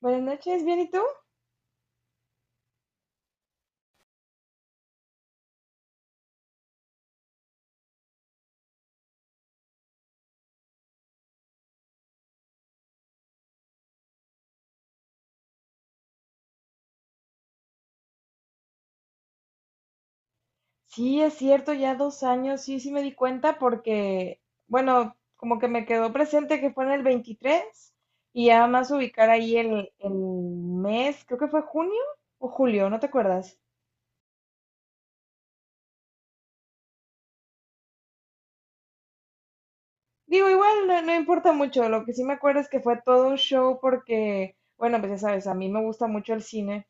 Buenas noches, ¿bien y tú? Sí, es cierto, ya 2 años, sí, sí me di cuenta porque, bueno, como que me quedó presente que fue en el 23 y ya más ubicar ahí el mes, creo que fue junio o julio, ¿no te acuerdas? Digo, igual no, no importa mucho, lo que sí me acuerdo es que fue todo un show porque, bueno, pues ya sabes, a mí me gusta mucho el cine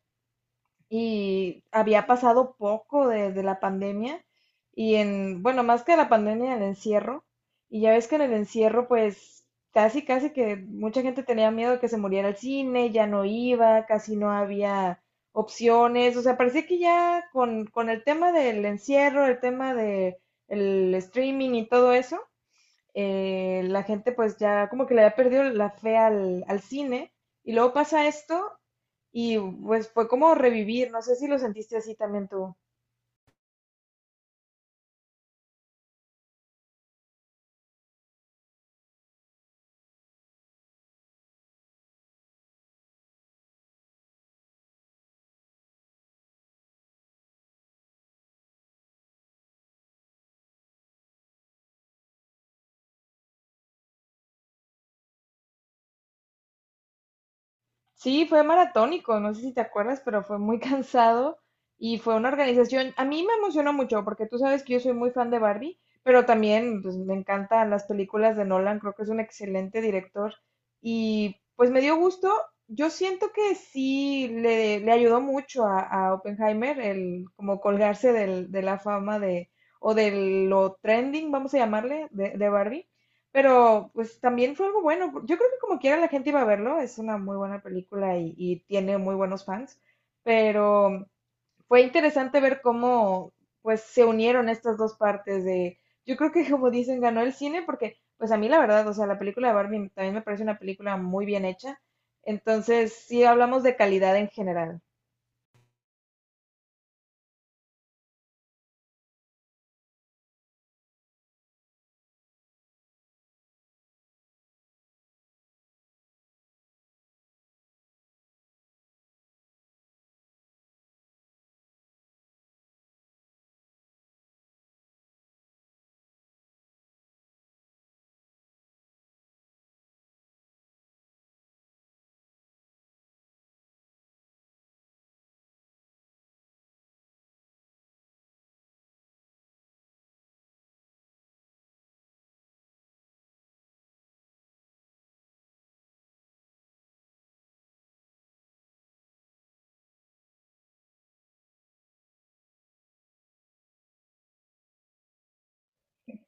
y había pasado poco desde la pandemia y en, bueno, más que la pandemia, el encierro. Y ya ves que en el encierro, pues casi, casi que mucha gente tenía miedo de que se muriera el cine, ya no iba, casi no había opciones. O sea, parecía que ya con el tema del encierro, el tema del streaming y todo eso, la gente pues ya como que le había perdido la fe al cine y luego pasa esto y pues fue como revivir, no sé si lo sentiste así también tú. Sí, fue maratónico, no sé si te acuerdas, pero fue muy cansado y fue una organización. A mí me emocionó mucho porque tú sabes que yo soy muy fan de Barbie, pero también pues, me encantan las películas de Nolan, creo que es un excelente director y pues me dio gusto. Yo siento que sí le ayudó mucho a Oppenheimer el como colgarse de la fama de o de lo trending, vamos a llamarle, de Barbie. Pero pues también fue algo bueno. Yo creo que como quiera la gente iba a verlo. Es una muy buena película y tiene muy buenos fans. Pero fue interesante ver cómo pues se unieron estas dos partes de... Yo creo que como dicen, ganó el cine porque pues a mí la verdad, o sea, la película de Barbie también me parece una película muy bien hecha. Entonces sí hablamos de calidad en general.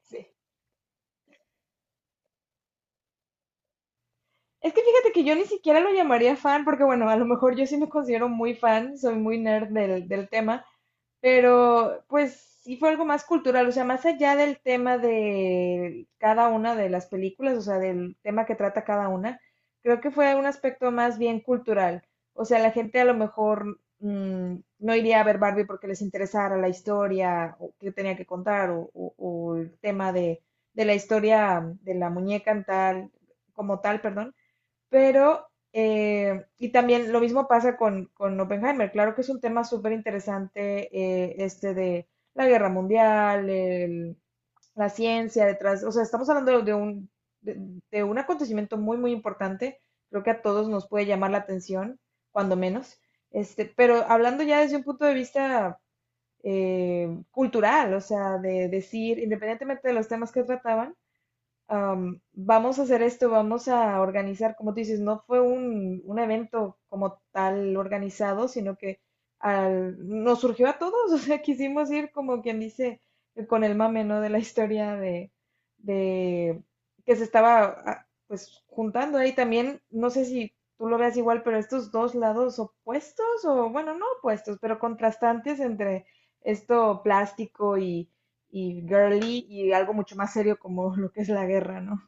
Sí. Es que fíjate que yo ni siquiera lo llamaría fan porque bueno, a lo mejor yo sí me considero muy fan, soy muy nerd del tema. Pero, pues, sí fue algo más cultural, o sea, más allá del tema de cada una de las películas, o sea, del tema que trata cada una, creo que fue un aspecto más bien cultural. O sea, la gente a lo mejor no iría a ver Barbie porque les interesara la historia o que tenía que contar o, o el tema de la historia de la muñeca en tal, como tal, perdón pero, y también lo mismo pasa con Oppenheimer. Claro que es un tema súper interesante este de la guerra mundial, la ciencia detrás. O sea, estamos hablando de, de un acontecimiento muy, muy importante. Creo que a todos nos puede llamar la atención, cuando menos. Este, pero hablando ya desde un punto de vista cultural, o sea, de decir, independientemente de los temas que trataban, vamos a hacer esto, vamos a organizar, como tú dices, no fue un evento como tal organizado, sino que nos surgió a todos, o sea, quisimos ir como quien dice con el mame, ¿no? De la historia de que se estaba pues juntando ahí también, no sé si tú lo veas igual, pero estos dos lados opuestos, o bueno, no opuestos, pero contrastantes entre esto plástico y girly y algo mucho más serio como lo que es la guerra, ¿no?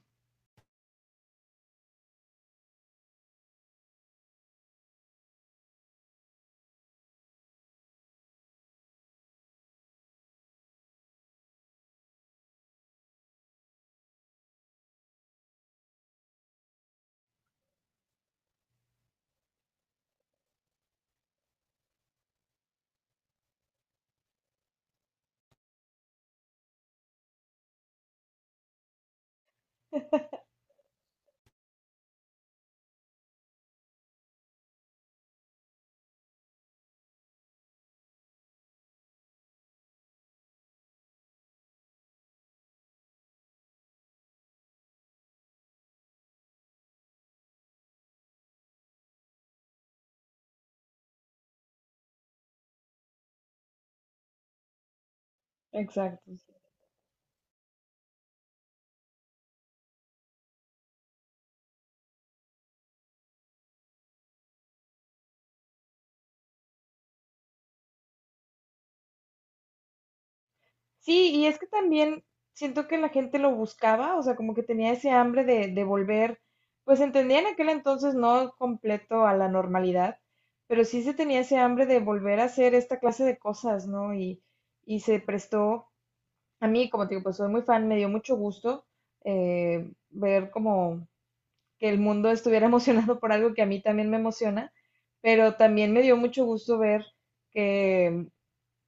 Exacto. Sí. Sí, y es que también siento que la gente lo buscaba, o sea, como que tenía ese hambre de volver, pues entendía en aquel entonces no completo a la normalidad, pero sí se tenía ese hambre de volver a hacer esta clase de cosas, ¿no? Y se prestó, a mí, como te digo, pues soy muy fan, me dio mucho gusto ver como que el mundo estuviera emocionado por algo que a mí también me emociona, pero también me dio mucho gusto ver que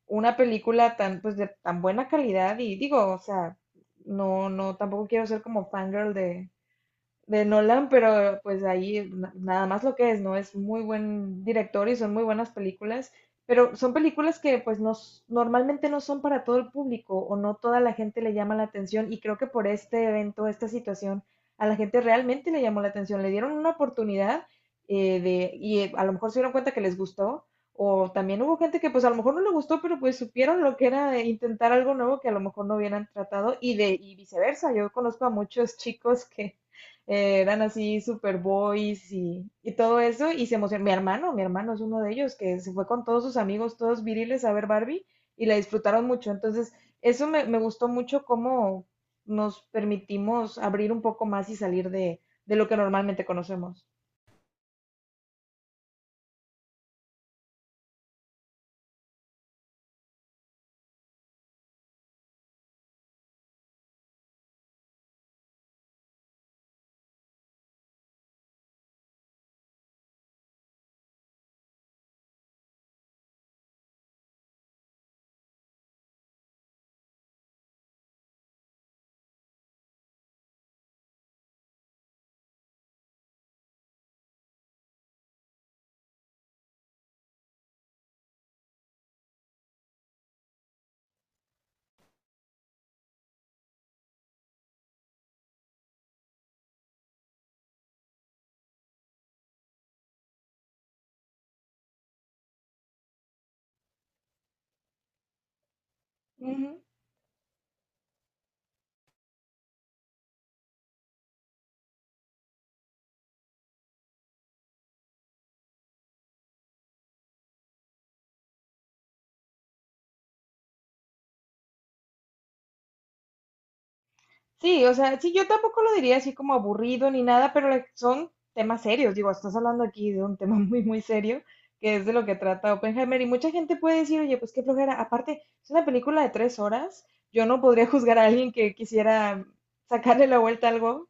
una película tan, pues, de tan buena calidad, y digo, o sea, no, no, tampoco quiero ser como fangirl de Nolan, pero pues ahí nada más lo que es, ¿no? Es muy buen director y son muy buenas películas, pero son películas que pues no, normalmente no son para todo el público o no toda la gente le llama la atención y creo que por este evento, esta situación, a la gente realmente le llamó la atención, le dieron una oportunidad y a lo mejor se dieron cuenta que les gustó. O también hubo gente que pues a lo mejor no le gustó, pero pues supieron lo que era intentar algo nuevo que a lo mejor no hubieran tratado y viceversa. Yo conozco a muchos chicos que, eran así super boys y todo eso, y se emocionó. Mi hermano es uno de ellos, que se fue con todos sus amigos, todos viriles, a ver Barbie, y la disfrutaron mucho. Entonces, eso me gustó mucho cómo nos permitimos abrir un poco más y salir de lo que normalmente conocemos. Ujú. Sí, o sea, sí, yo tampoco lo diría así como aburrido ni nada, pero like, son temas serios. Digo, estás hablando aquí de un tema muy, muy serio, que es de lo que trata Oppenheimer. Y mucha gente puede decir, oye, pues qué flojera. Aparte, es una película de 3 horas. Yo no podría juzgar a alguien que quisiera sacarle la vuelta a algo.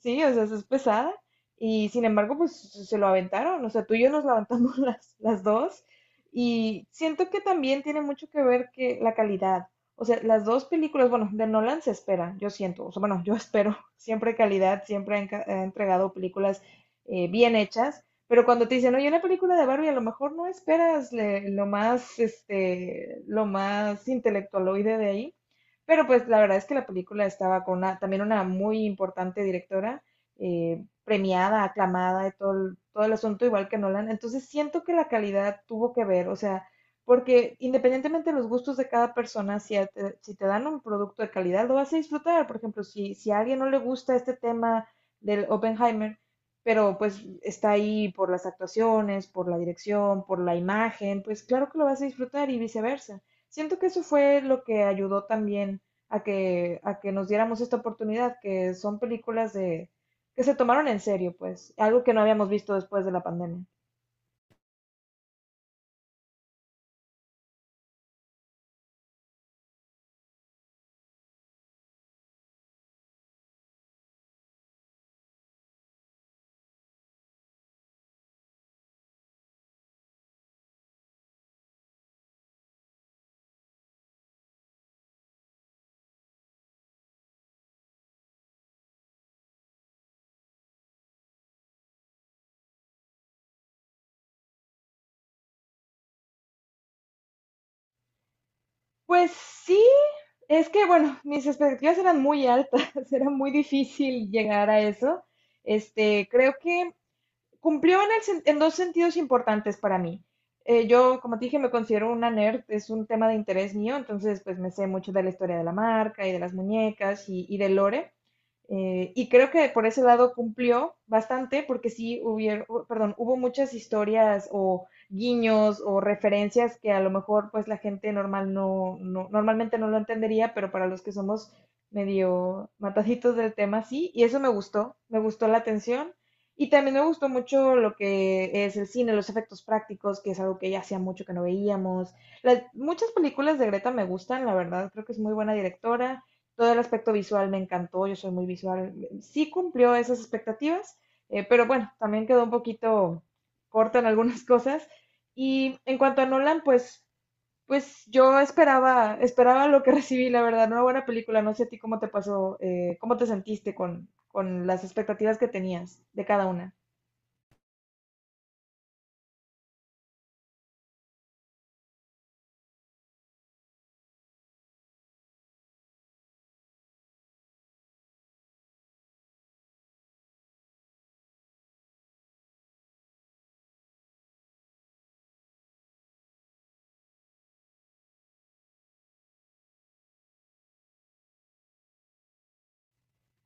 Sí, o sea, es pesada. Y sin embargo, pues se lo aventaron. O sea, tú y yo nos levantamos las dos. Y siento que también tiene mucho que ver que la calidad. O sea, las dos películas, bueno, de Nolan se espera, yo siento. O sea, bueno, yo espero siempre calidad, siempre ha ha entregado películas bien hechas. Pero cuando te dicen, oye, una película de Barbie, a lo mejor no esperas lo más, este, lo más intelectualoide de ahí. Pero pues la verdad es que la película estaba con también una muy importante directora, premiada, aclamada, de todo el asunto, igual que Nolan. Entonces siento que la calidad tuvo que ver, o sea, porque independientemente de los gustos de cada persona, si te dan un producto de calidad, lo vas a disfrutar. Por ejemplo, si, si a alguien no le gusta este tema del Oppenheimer, pero pues está ahí por las actuaciones, por la dirección, por la imagen, pues claro que lo vas a disfrutar y viceversa. Siento que eso fue lo que ayudó también a que nos diéramos esta oportunidad, que son películas de, que se tomaron en serio, pues, algo que no habíamos visto después de la pandemia. Pues sí, es que bueno, mis expectativas eran muy altas, era muy difícil llegar a eso. Este, creo que cumplió en dos sentidos importantes para mí. Yo, como te dije, me considero una nerd, es un tema de interés mío, entonces pues me sé mucho de la historia de la marca y de las muñecas y de lore. Y creo que por ese lado cumplió bastante, porque sí hubiera, perdón, hubo muchas historias o guiños o referencias que a lo mejor pues la gente normal no, no normalmente no lo entendería, pero para los que somos medio mataditos del tema, sí, y eso me gustó la atención. Y también me gustó mucho lo que es el cine, los efectos prácticos, que es algo que ya hacía mucho que no veíamos. Las, muchas películas de Greta me gustan, la verdad, creo que es muy buena directora. Todo el aspecto visual me encantó, yo soy muy visual, sí cumplió esas expectativas, pero bueno, también quedó un poquito corta en algunas cosas. Y en cuanto a Nolan, pues, pues yo esperaba, esperaba lo que recibí, la verdad, una buena película, no sé a ti cómo te pasó, cómo te sentiste con las expectativas que tenías de cada una.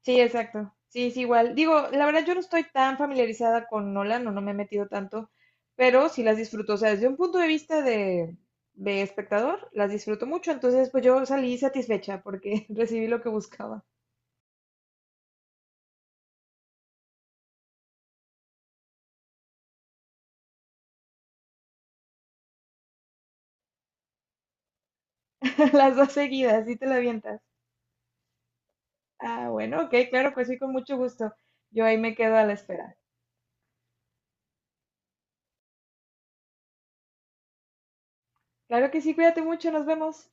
Sí, exacto. Sí, es igual. Digo, la verdad yo no estoy tan familiarizada con Nolan, no, no me he metido tanto, pero sí las disfruto. O sea, desde un punto de vista de espectador, las disfruto mucho. Entonces, pues yo salí satisfecha porque recibí lo que buscaba. Las dos seguidas, sí te la avientas. Ah, bueno, ok, claro, pues sí, con mucho gusto. Yo ahí me quedo a la espera. Claro que sí, cuídate mucho, nos vemos.